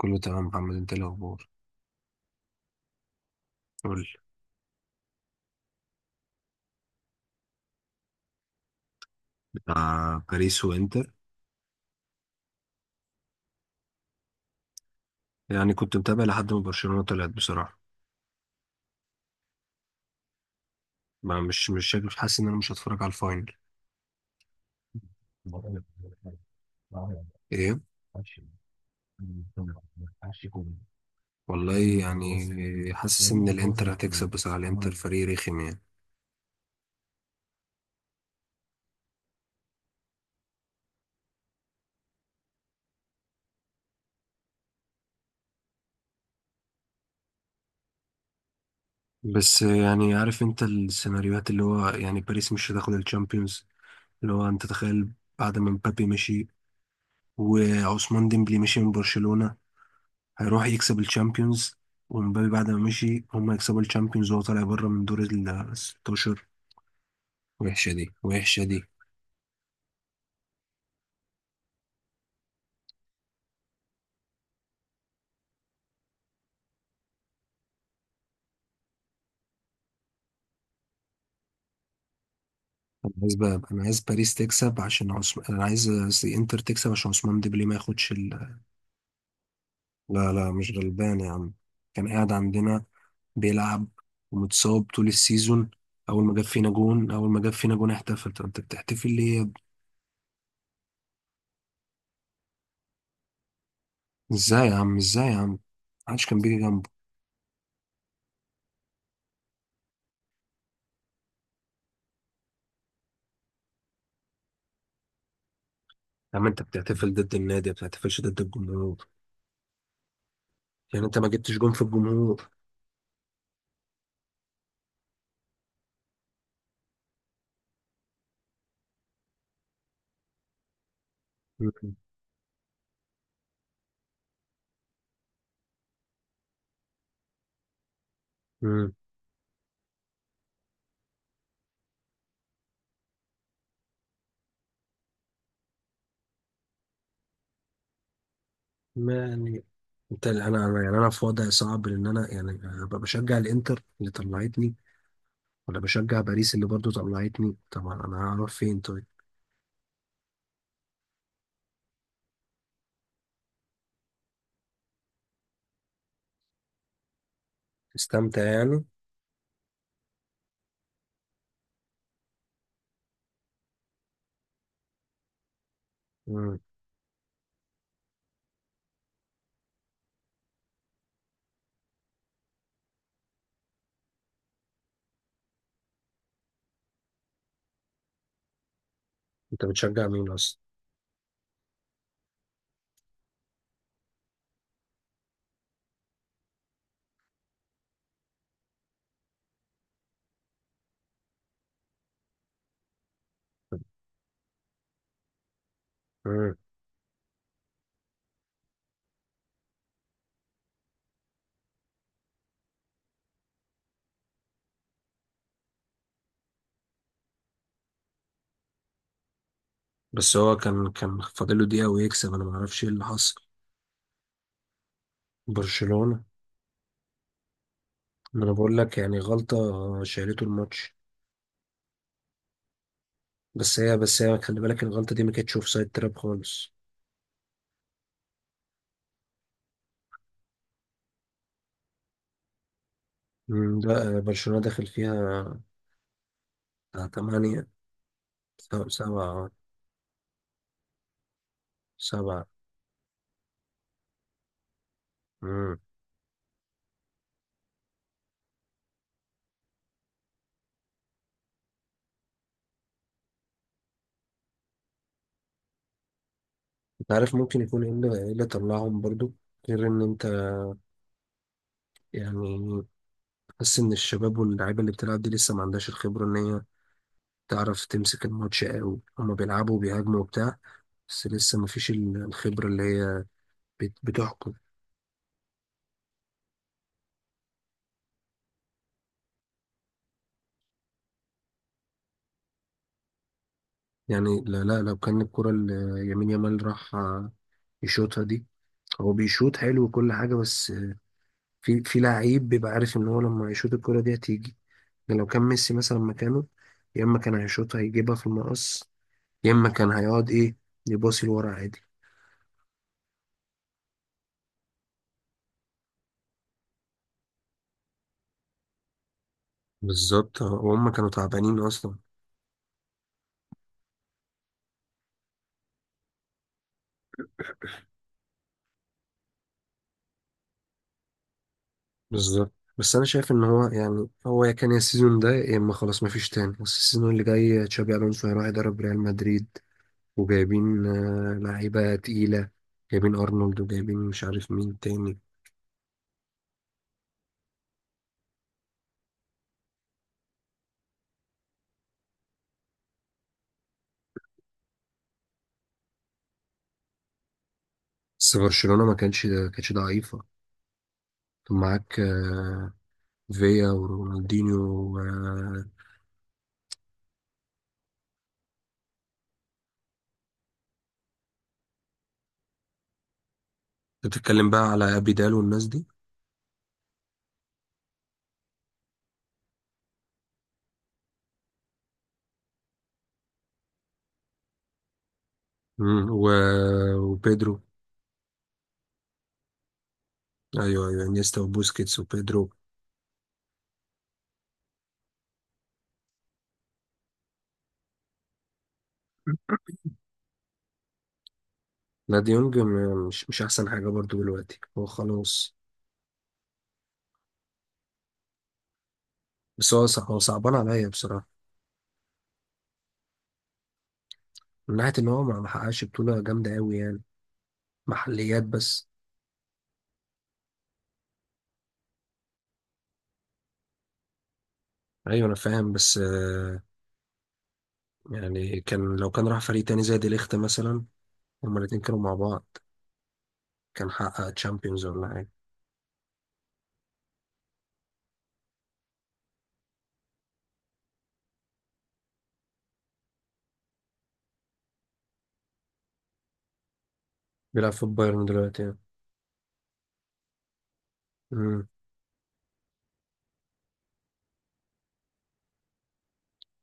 كله تمام محمد انت ايه الاخبار؟ قول لي. مع باريس وانتر، يعني كنت متابع لحد ما برشلونة طلعت بصراحة. ما مش شايف، حاسس ان انا مش هتفرج على الفاينل. ايه، والله يعني حاسس ان الانتر هتكسب بصراحة، الانتر فريق رخم يعني. بس يعني عارف انت السيناريوهات اللي هو، يعني باريس مش هتاخد الشامبيونز؟ اللي هو انت تخيل، بعد ما مبابي مشي وعثمان ديمبلي مشي من برشلونة هيروح يكسب الشامبيونز، ومبابي بعد ما مشي هم يكسبوا الشامبيونز وهو طالع بره من دور ال 16. وحشة دي، وحشة دي. أنا عايز بقى، أنا عايز باريس تكسب عشان عثمان، أنا عايز قصدي إنتر تكسب عشان عثمان ديمبلي ما ياخدش ال... لا لا مش غلبان يا عم، كان قاعد عندنا بيلعب ومتصاب طول السيزون. أول ما جاب فينا جون احتفل، طب أنت بتحتفل ليه يا ابني؟ إزاي يا عم، إزاي يا عم، محدش كان بيجي جنبه. يا عم أنت بتحتفل ضد النادي، ما بتحتفلش ضد الجمهور. يعني أنت ما جبتش جون في الجمهور. مم. ما يعني انت، يعني انا في وضع صعب لان انا يعني ابقى بشجع الانتر اللي طلعتني، ولا بشجع باريس اللي برضو طلعتني؟ طبعا انا هروح فين طيب؟ استمتع يعني. مم. انت بتشجع مين اصلا؟ مم. بس هو كان فاضل له دقيقة ويكسب، انا ما اعرفش ايه اللي حصل. برشلونة. ما انا بقول لك يعني غلطة، شالته الماتش. بس هي خلي بالك، الغلطة دي ما كانتش اوف سايد تراب خالص. مم. لا برشلونة داخل فيها 8، سبعة، سبعة. مم. انت عارف ممكن يكون ايه اللي، إيه اللي طلعهم برضو غير ان انت يعني تحس ان الشباب واللعيبه اللي بتلعب دي لسه ما عندهاش الخبره ان هي تعرف تمسك الماتش قوي؟ هما بيلعبوا وبيهاجموا وبتاع، بس لسه ما فيش الخبره اللي هي بتحكم يعني. لا لا، لو كان الكره اللي يمين يامال راح يشوطها دي، هو بيشوط حلو وكل حاجه، بس في في لعيب بيبقى عارف ان هو لما يشوط الكره دي هتيجي. يعني لو كان ميسي مثلا مكانه، يا اما كان هيشوطها يجيبها في المقص، يا اما كان هيقعد ايه، يباصي لورا عادي. بالظبط اه، وهم كانوا تعبانين اصلا. بالظبط. بس انا شايف ان هو يعني، هو يا كان يا السيزون ده يا اما خلاص مفيش تاني، بس السيزون اللي جاي تشابي الونسو هيروح يدرب ريال مدريد، وجايبين لعيبه تقيله، جايبين ارنولد وجايبين مش عارف مين تاني. بس برشلونه ما كانش، ما كانتش ضعيفه، كان معاك فيا ورونالدينيو و- آه، بتتكلم بقى على ابيدال والناس دي؟ مم، و... وبيدرو. ايوه ايوه، انيستا وبوسكيتس وبيدرو. لا دي يونج، مش احسن حاجه برضو دلوقتي، هو خلاص. بس هو هو صعبان عليا بصراحه من ناحيه ان هو ما ما حققش بطوله جامده قوي يعني. محليات بس. ايوه انا فاهم بس يعني كان، لو كان راح فريق تاني زي دي ليخت مثلا، هما الاتنين كانوا مع بعض، كان حقق تشامبيونز ولا حاجه. بيلعب في بايرن دلوقتي يعني. مم.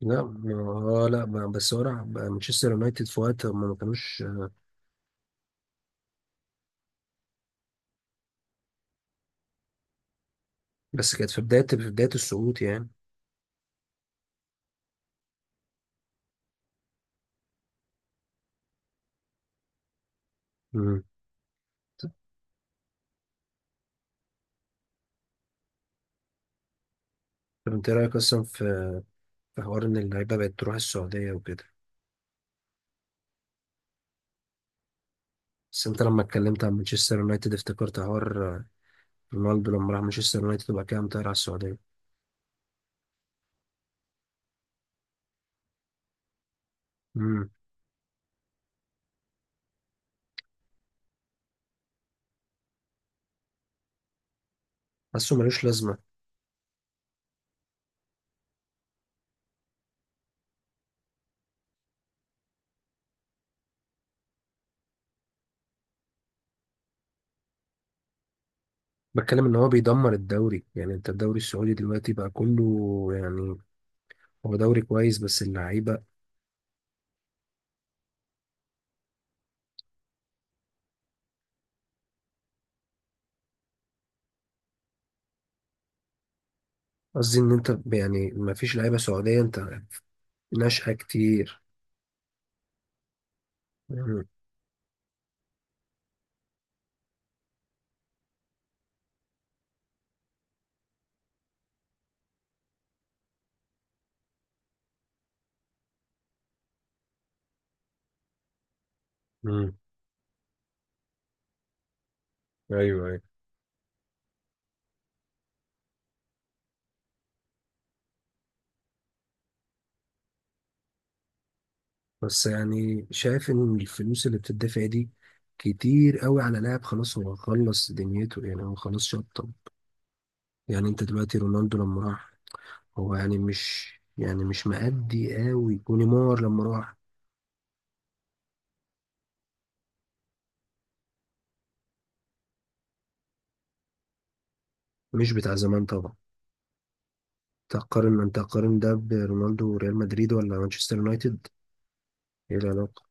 لا ما هو لا، بس هو راح مانشستر يونايتد في وقت هما ما كانوش. بس كانت في بدايه السقوط يعني. مم. طب انت إيه رايك اصلا في، في حوار ان اللعيبه بقت تروح السعوديه وكده؟ بس انت لما اتكلمت عن مانشستر يونايتد افتكرت حوار رونالدو لما راح مانشستر يونايتد وبعد كده قام طاير على السعوديه. امم. حاسه ملوش لازمه. بتكلم ان هو بيدمر الدوري، يعني انت الدوري السعودي دلوقتي بقى كله يعني، هو دوري كويس بس اللعيبه، قصدي ان انت يعني ما فيش لعيبه سعوديه انت، ناشئه كتير. امم. امم. ايوه ايوه. بس يعني شايف ان الفلوس اللي بتدفع دي كتير قوي على لاعب خلاص هو خلص دنيته، يعني هو خلاص شطب، يعني انت دلوقتي رونالدو لما راح هو يعني، مش مأدي قوي، ونيمار لما راح مش بتاع زمان طبعا. تقارن، انت تقارن ده برونالدو وريال مدريد ولا مانشستر يونايتد؟ ايه العلاقة؟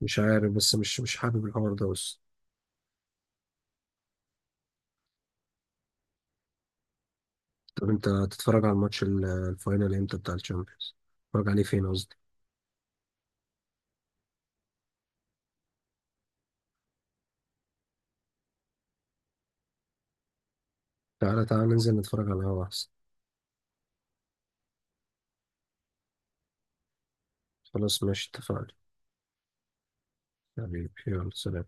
مش عارف، بس مش حابب الحوار ده. بس طب انت تتفرج على الماتش الفاينل امتى بتاع الشامبيونز؟ تتفرج عليه فين قصدي؟ تعالى تعالى ننزل نتفرج على القهوة احسن. خلاص ماشي، اتفقنا. حبيبي يلا سلام.